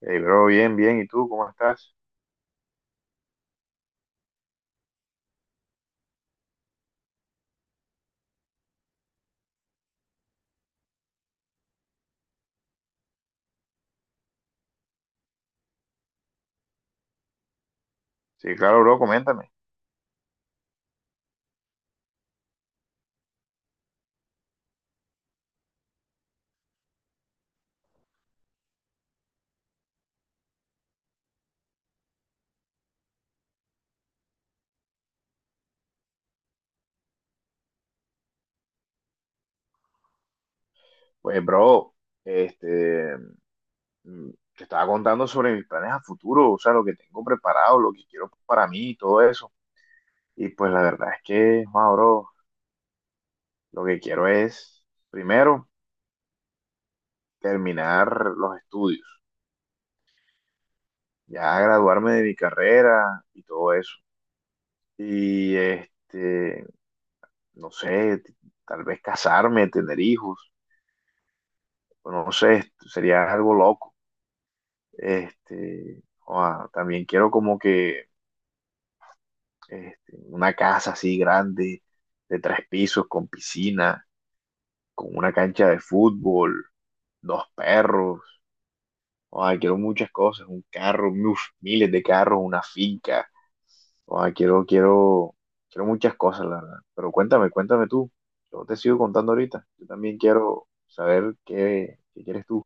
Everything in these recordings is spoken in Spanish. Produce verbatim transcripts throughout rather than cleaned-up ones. Hey, bro, bien, bien. ¿Y tú cómo estás? Sí, claro, bro, coméntame. Pues, bro, este, mm, te estaba contando sobre mis planes a futuro, o sea, lo que tengo preparado, lo que quiero para mí y todo eso. Y pues la verdad es que, wow, bro, lo que quiero es, primero, terminar los estudios, ya graduarme de mi carrera y todo eso. Y este, no sé, t- tal vez casarme, tener hijos, o no sé, sería algo loco. Este, ah, también quiero como que este, una casa así grande, de tres pisos, con piscina, con una cancha de fútbol, dos perros. ah, quiero muchas cosas, un carro, uf, miles de carros, una finca. ah, quiero, quiero, quiero muchas cosas, la verdad. Pero cuéntame, cuéntame tú. Yo te sigo contando ahorita. Yo también quiero saber qué, qué quieres tú.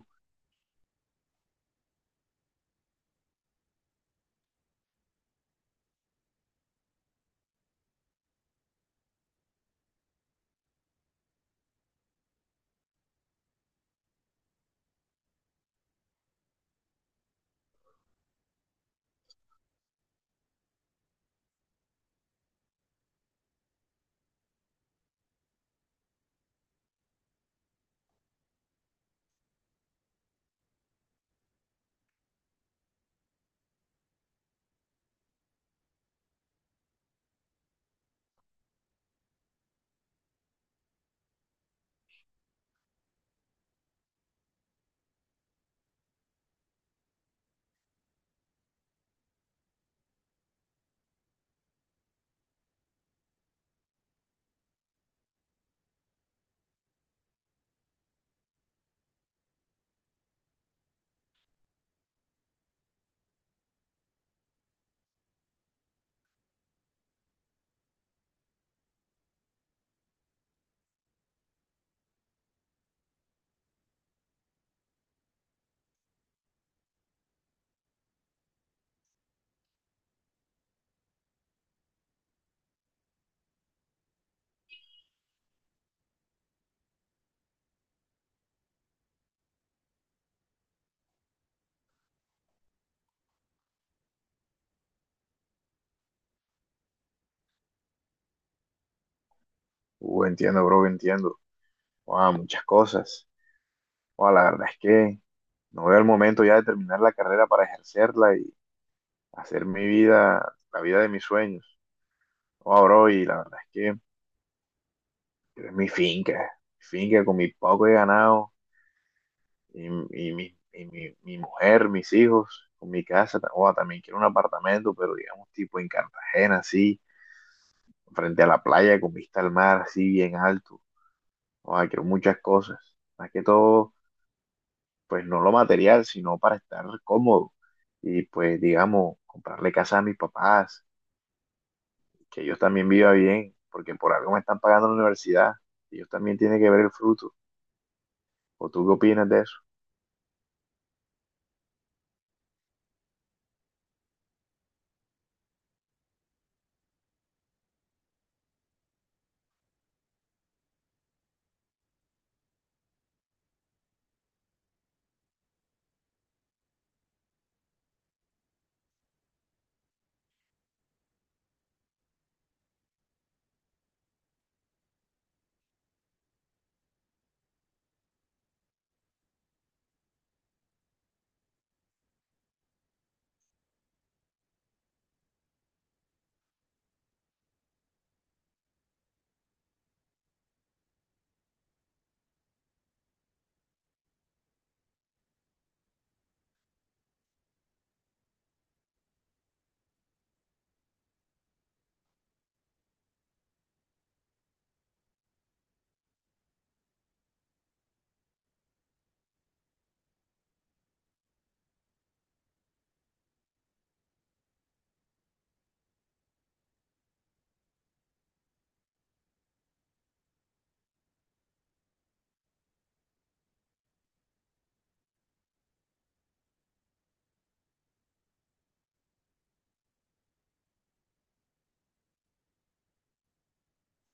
Uh, entiendo, bro, entiendo. Ah, muchas cosas. O la verdad es que no veo el momento ya de terminar la carrera para ejercerla y hacer mi vida, la vida de mis sueños. O bro, y la verdad es que quiero es mi finca, mi finca con mi poco de ganado y, y mi, y mi, mi mujer, mis hijos, con mi casa. O también quiero un apartamento, pero digamos tipo en Cartagena, así, frente a la playa con vista al mar, así bien alto. O quiero muchas cosas. Más que todo pues no lo material, sino para estar cómodo y pues digamos, comprarle casa a mis papás, que ellos también vivan bien, porque por algo me están pagando la universidad, ellos también tienen que ver el fruto. ¿O tú qué opinas de eso?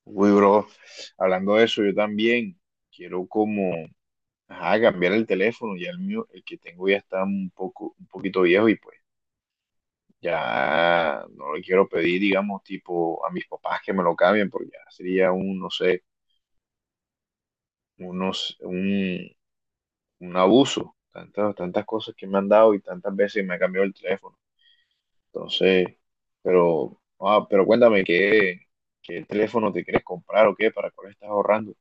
Uy, bro, hablando de eso, yo también quiero como, ajá, cambiar el teléfono, ya el mío, el que tengo ya está un poco, un poquito viejo y pues ya no le quiero pedir, digamos, tipo a mis papás que me lo cambien, porque ya sería un, no sé, unos, un, un abuso, tantas, tantas cosas que me han dado y tantas veces me ha cambiado el teléfono. Entonces, pero, ah, pero cuéntame, ¿qué, qué teléfono te quieres comprar o qué? ¿Para cuál estás ahorrando?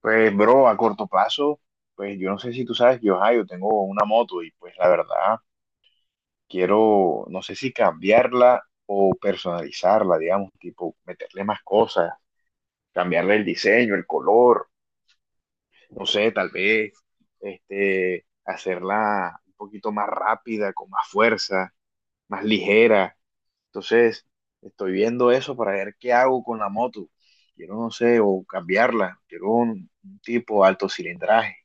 Pues, bro, a corto plazo, pues yo no sé si tú sabes que yo, ajá, yo tengo una moto y pues la verdad quiero, no sé si cambiarla o personalizarla, digamos, tipo meterle más cosas, cambiarle el diseño, el color, no sé, tal vez este, hacerla un poquito más rápida, con más fuerza, más ligera. Entonces, estoy viendo eso para ver qué hago con la moto. Quiero, no sé, o cambiarla. Quiero un, un tipo alto cilindraje.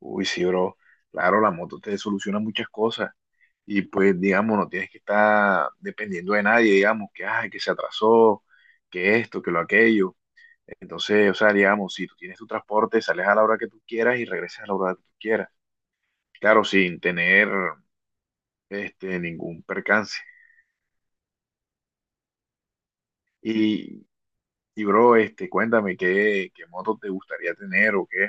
Uy, sí, bro. Claro, la moto te soluciona muchas cosas. Y pues, digamos, no tienes que estar dependiendo de nadie, digamos, que, ay, que se atrasó, que esto, que lo aquello. Entonces, o sea, digamos, si tú tienes tu transporte, sales a la hora que tú quieras y regresas a la hora que tú quieras. Claro, sin tener este, ningún percance. Y, y bro, este, cuéntame qué, qué moto te gustaría tener o qué.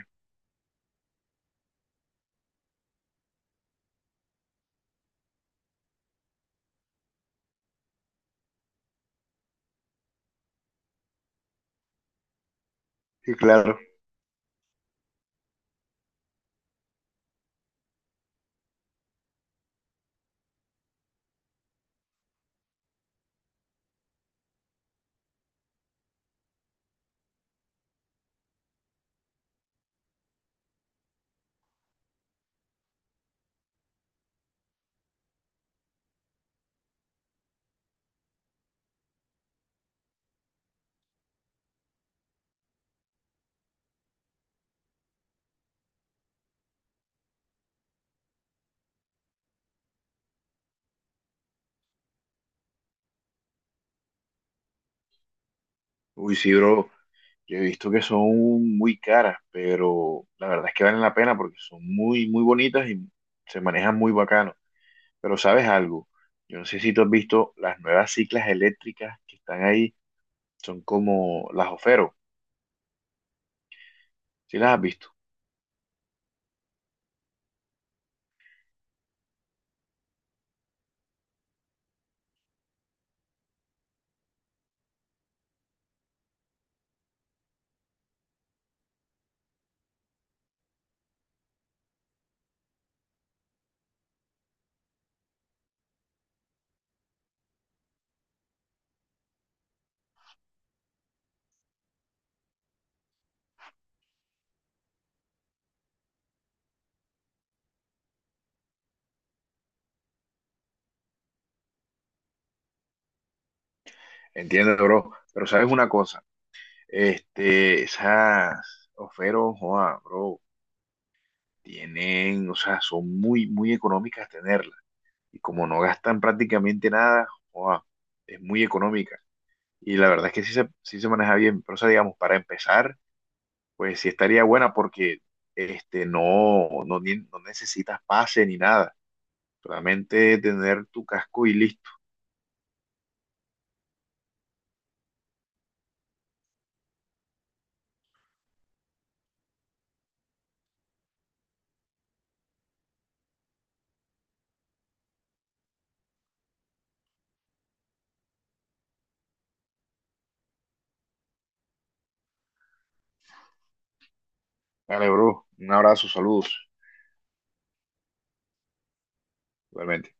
Sí, claro. Uy, sí, bro, yo he visto que son muy caras, pero la verdad es que valen la pena porque son muy, muy bonitas y se manejan muy bacano. Pero ¿sabes algo? Yo no sé si tú has visto las nuevas ciclas eléctricas que están ahí, son como las Ofero. ¿Sí las has visto? Entiendo, bro. Pero sabes una cosa, este, esas ofertas, joa, bro, tienen, o sea, son muy, muy económicas tenerlas. Y como no gastan prácticamente nada, joa, es muy económica. Y la verdad es que sí se, sí se maneja bien. Pero, o sea, digamos, para empezar, pues sí estaría buena porque este, no, no, ni- no necesitas pase ni nada. Solamente tener tu casco y listo. Dale, bro. Un abrazo, saludos. Igualmente.